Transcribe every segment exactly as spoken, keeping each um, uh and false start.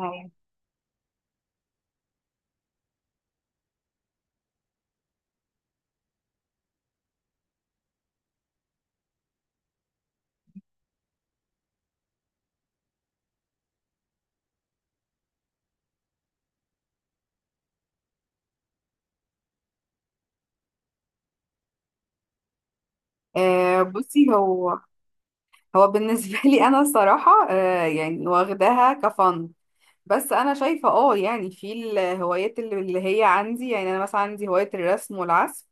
أيوة. آه بصي هو هو بالنسبة لي أنا الصراحة آه يعني واخداها كفن. بس أنا شايفة اه يعني في الهوايات اللي اللي هي عندي، يعني أنا مثلا عندي هواية الرسم والعزف.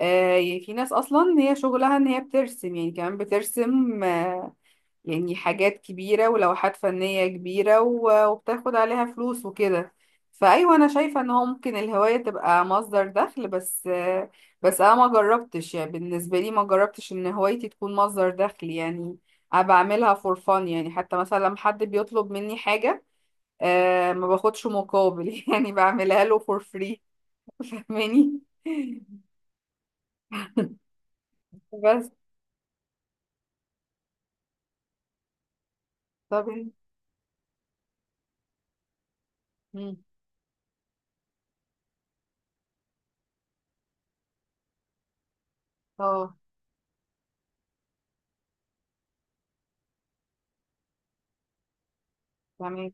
آه يعني في ناس أصلا هي شغلها إن هي بترسم، يعني كمان بترسم، آه، يعني حاجات كبيرة ولوحات فنية كبيرة و- وبتاخد عليها فلوس وكده. فأيوة أنا شايفة إن هو ممكن الهواية تبقى مصدر دخل. بس بس أنا ما جربتش، يعني بالنسبة لي ما جربتش إن هوايتي تكون مصدر دخل يعني. أنا بعملها فور فان، يعني حتى مثلا لما حد بيطلب مني حاجة أه ما باخدش مقابل يعني بعملها له فور فري. فاهماني؟ بس طب إن- مم. اه تمام.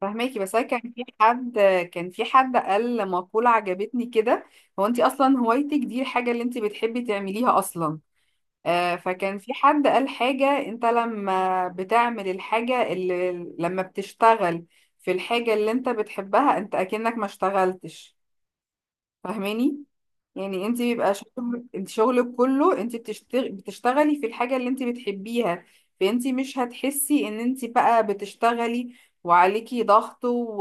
فهماكي، بس انا كان في حد كان في حد قال مقولة عجبتني كده. هو انت اصلا هوايتك دي الحاجة اللي انت بتحبي تعمليها اصلا. آه، فكان في حد قال حاجة، انت لما بتعمل الحاجة اللي لما بتشتغل في الحاجة اللي انت بتحبها انت اكنك ما اشتغلتش. فاهماني؟ يعني انت بيبقى شغل، انت شغلك كله انت بتشتغ... بتشتغلي في الحاجة اللي انت بتحبيها. فانت مش هتحسي ان انت بقى بتشتغلي وعليكي ضغط و...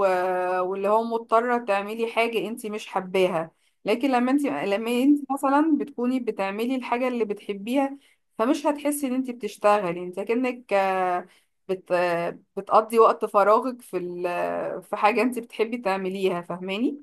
واللي هو مضطرة تعملي حاجة انت مش حباها. لكن لما انت لما انت مثلا بتكوني بتعملي الحاجة اللي بتحبيها، فمش هتحسي ان انت بتشتغلي، انت كأنك آه، بت... بتقضي وقت فراغك في ال... في حاجة انت بتحبي تعمليها. فاهماني؟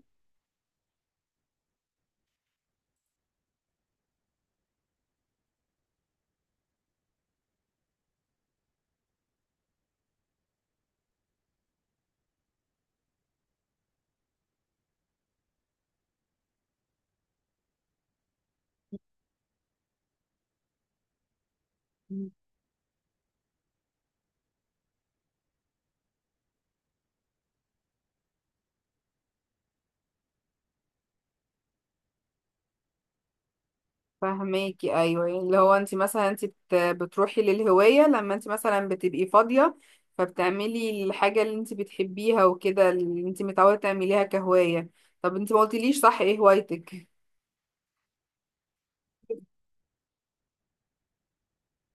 فهماكي، ايوه، يعني اللي هو انت مثلا انت بت- بتروحي للهوايه لما انت مثلا بتبقي فاضيه. فبتعملي الحاجه اللي انت بتحبيها وكده، اللي انت متعوده تعمليها كهوايه. طب انت ما قلتليش صح، ايه هوايتك؟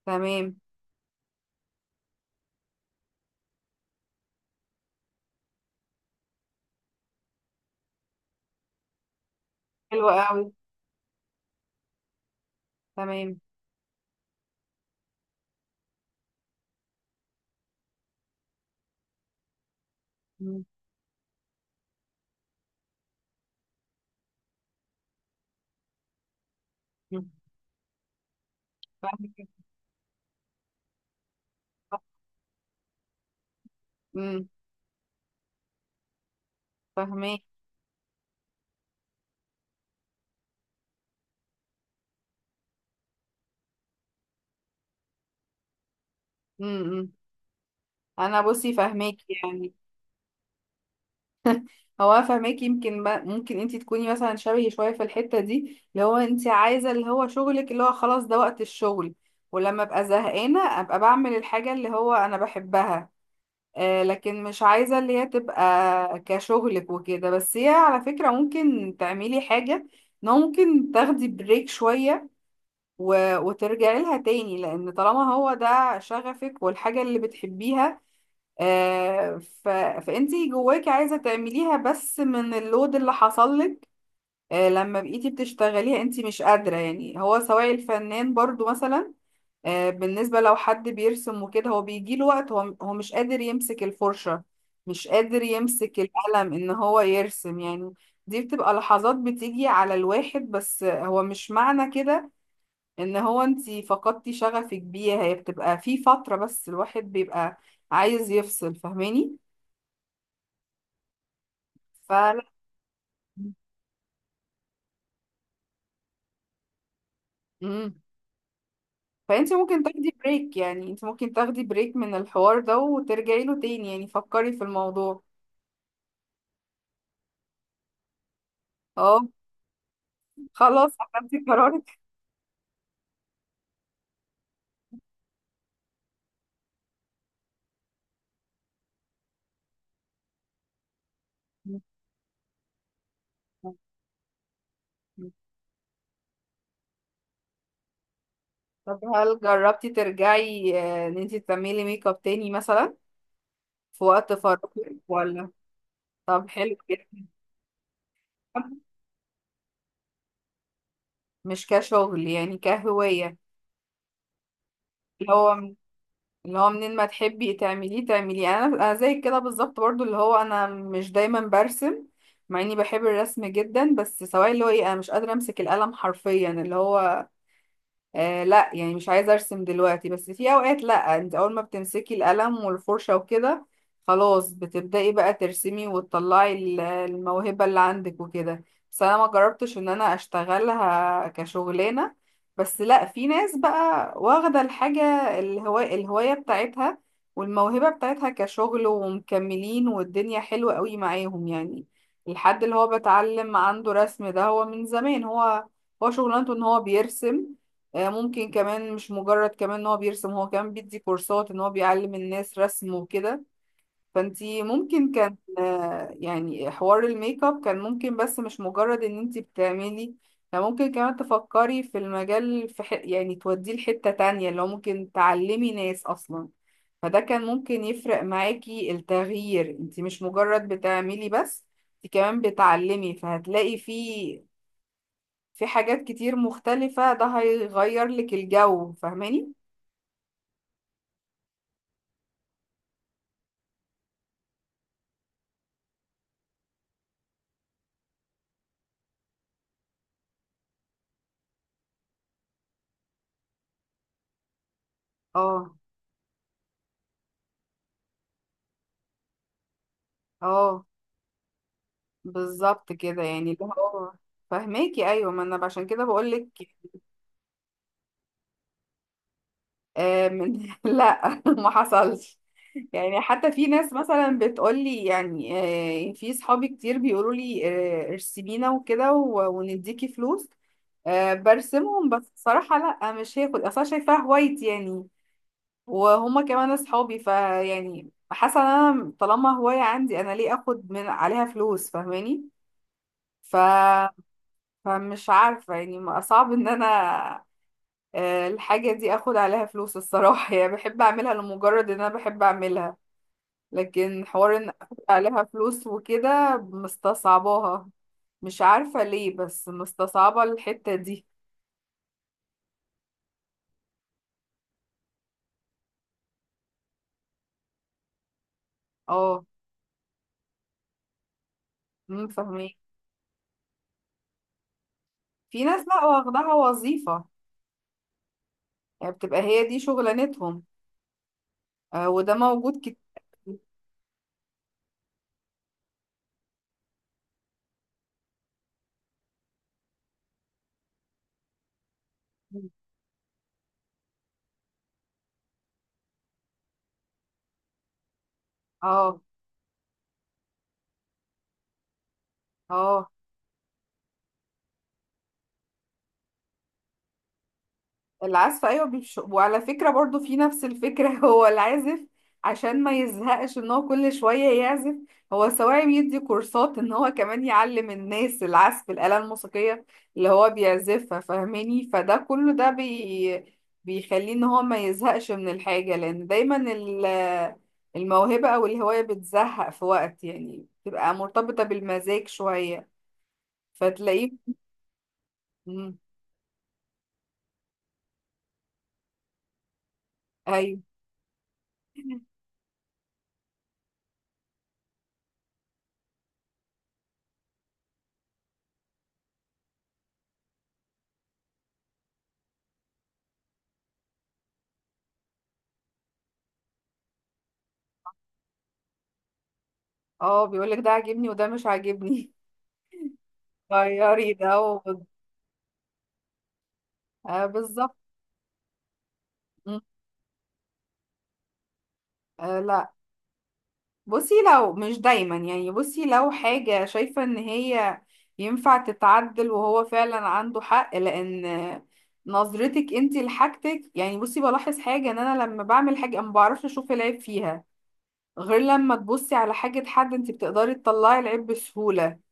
تمام. حلوه قوي. تمام. مم. مم. فاهمك. امم. فاهماكي. امم. انا بصي فاهماكي يعني. هو أنا فاهماكي، يمكن ما ممكن انت تكوني مثلا شبهي شويه في الحته دي، اللي هو انت عايزه اللي هو شغلك اللي هو خلاص ده وقت الشغل. ولما ابقى زهقانه ابقى بعمل الحاجه اللي هو انا بحبها. آه، لكن مش عايزه اللي هي تبقى كشغلك وكده. بس هي على فكره ممكن تعملي حاجه، ان هو ممكن تاخدي بريك شويه و... وترجعي لها تاني، لان طالما هو ده شغفك والحاجه اللي بتحبيها، آه، ف... فانتي جواكي عايزه تعمليها، بس من اللود اللي حصل لك، آه، لما بقيتي بتشتغليها انتي مش قادره. يعني هو سواء الفنان برضو مثلا، آه، بالنسبه لو حد بيرسم وكده، هو بيجيله وقت هو هو مش قادر يمسك الفرشه، مش قادر يمسك القلم ان هو يرسم يعني. دي بتبقى لحظات بتيجي على الواحد، بس هو مش معنى كده ان هو انتي فقدتي شغفك بيها. هي بتبقى في فتره، بس الواحد بيبقى عايز يفصل. فاهماني؟ فلا. امم. فانت ممكن تاخدي بريك، يعني انت ممكن تاخدي بريك من الحوار ده وترجعي له تاني يعني. فكري في الموضوع. اه. خلاص اخدتي قرارك. طب هل جربتي ترجعي، آه، ان انت تعملي ميك اب تاني مثلا، في وقت فراغك، ولا؟ طب حلو جدا. مش كشغل يعني، كهواية. اللي هو، اللي هو منين ما تحبي تعمليه تعمليه. انا انا زي كده بالظبط برضو، اللي هو انا مش دايما برسم مع اني بحب الرسم جدا. بس سواء اللي هو ايه، انا مش قادره امسك القلم حرفيا اللي هو آه لا، يعني مش عايزة ارسم دلوقتي. بس في اوقات لا، انت اول ما بتمسكي القلم والفرشة وكده خلاص بتبدأي بقى ترسمي وتطلعي ال- الموهبة اللي عندك وكده. بس انا ما جربتش ان انا اشتغلها كشغلانة. بس لا، في ناس بقى واخدة الحاجة، الهواية الهواية بتاعتها والموهبة بتاعتها كشغل ومكملين، والدنيا حلوة قوي معاهم يعني. الحد اللي هو بتعلم عنده رسم ده، هو من زمان هو هو شغلانته ان هو بيرسم. آه، ممكن كمان مش مجرد كمان ان هو بيرسم، هو كمان بيدي كورسات ان هو بيعلم الناس رسم وكده. فانتي ممكن كان، آه، يعني حوار الميك اب كان ممكن، بس مش مجرد ان انتي بتعملي، لا، ممكن كمان تفكري في المجال، في ح... يعني توديه لحتة تانية، اللي هو ممكن تعلمي ناس اصلا. فده كان ممكن يفرق معاكي التغيير، انتي مش مجرد بتعملي بس، انتي كمان بتعلمي، فهتلاقي فيه، في حاجات كتير مختلفة، ده هيغير لك الجو. فاهماني؟ اه. اه. بالظبط كده يعني، اللي هو، فاهماكي، ايوه، ما انا عشان كده بقول لك. آه، من لا، ما حصلش. يعني حتى في ناس مثلا بتقول لي يعني، آه، في صحابي كتير بيقولوا لي، آه، ارسمينا وكده و- ونديكي فلوس. آه، برسمهم، بس بصراحة لا، مش هاخد، اصلا شايفاها هوايتي يعني. وهما كمان اصحابي، فيعني حاسه ان انا طالما هوايه عندي، انا ليه اخد من عليها فلوس؟ فاهماني؟ ف... فمش عارفه يعني، ما- صعب ان انا آه، الحاجه دي اخد عليها فلوس، الصراحه يعني بحب اعملها لمجرد ان انا بحب اعملها. لكن حوار ان اخد عليها فلوس وكده مستصعباها. مش عارفه ليه، بس مستصعبه الحته دي. اه. أمم، فاهمين. في ناس لا واخدها وظيفه، يعني بتبقى هي دي شغلانتهم. آه، وده موجود. اه. اه. العزف، ايوه، بيبش... وعلى فكره برضو في نفس الفكره، هو العازف عشان ما يزهقش ان هو كل شويه يعزف، هو سواء بيدي كورسات ان هو كمان يعلم الناس العزف، الاله الموسيقيه اللي هو بيعزفها. فاهماني؟ فده كله ده بي... بيخليه ان هو ما يزهقش من الحاجه. لان دايما ال... الموهبه او الهوايه بتزهق في وقت، يعني بتبقى مرتبطه بالمزاج شويه فتلاقيه. مم. ايوه. اه، بيقولك ده عاجبني وده مش عاجبني. غيري ده و... آه بالظبط. مم. آه لا. بصي لو مش دايما يعني، بصي لو حاجة شايفة ان هي ينفع تتعدل وهو فعلا عنده حق، لان نظرتك انتي لحاجتك يعني، بصي بلاحظ حاجة ان انا لما بعمل حاجة ما بعرفش اشوف العيب فيها، غير لما تبصي على حاجة حد انتي بتقدري تطلعي العيب بسهولة.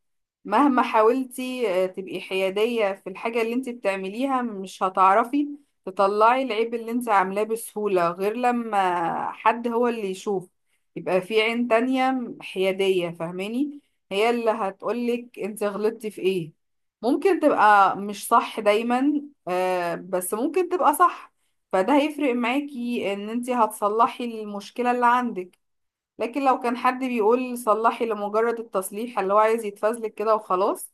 مهما حاولتي آه، تبقي حيادية في الحاجة اللي انت بتعمليها، مش هتعرفي تطلعي العيب اللي انت عاملاه بسهولة غير لما حد هو اللي يشوف. يبقى في عين تانية حيادية. فاهماني؟ هي اللي هتقولك انت غلطتي في ايه. ممكن تبقى مش صح دايما، آه، بس ممكن تبقى صح. فده هيفرق معاكي ان انت هتصلحي المشكلة اللي عندك. لكن لو كان حد بيقول صلحي لمجرد التصليح، اللي هو عايز يتفزلك كده وخلاص،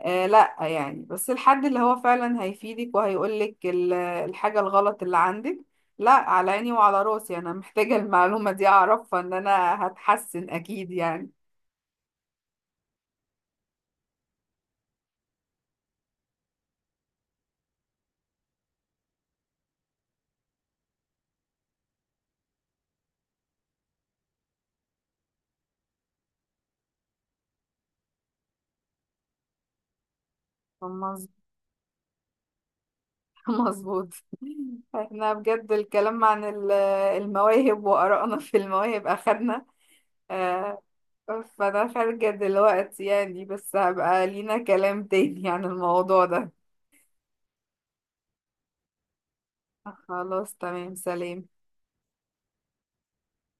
آه لا يعني. بس الحد اللي هو فعلا هيفيدك وهيقولك ال- الحاجة الغلط اللي عندك، لا على عيني وعلى راسي، انا محتاجة المعلومة دي اعرفها، ان انا هتحسن اكيد يعني. مظ- مظبوط. احنا بجد الكلام عن ال- المواهب وآرائنا في المواهب اخدنا، آه. فانا خارجة دلوقتي يعني، بس هبقى لينا كلام تاني عن الموضوع ده. خلاص تمام، سلام.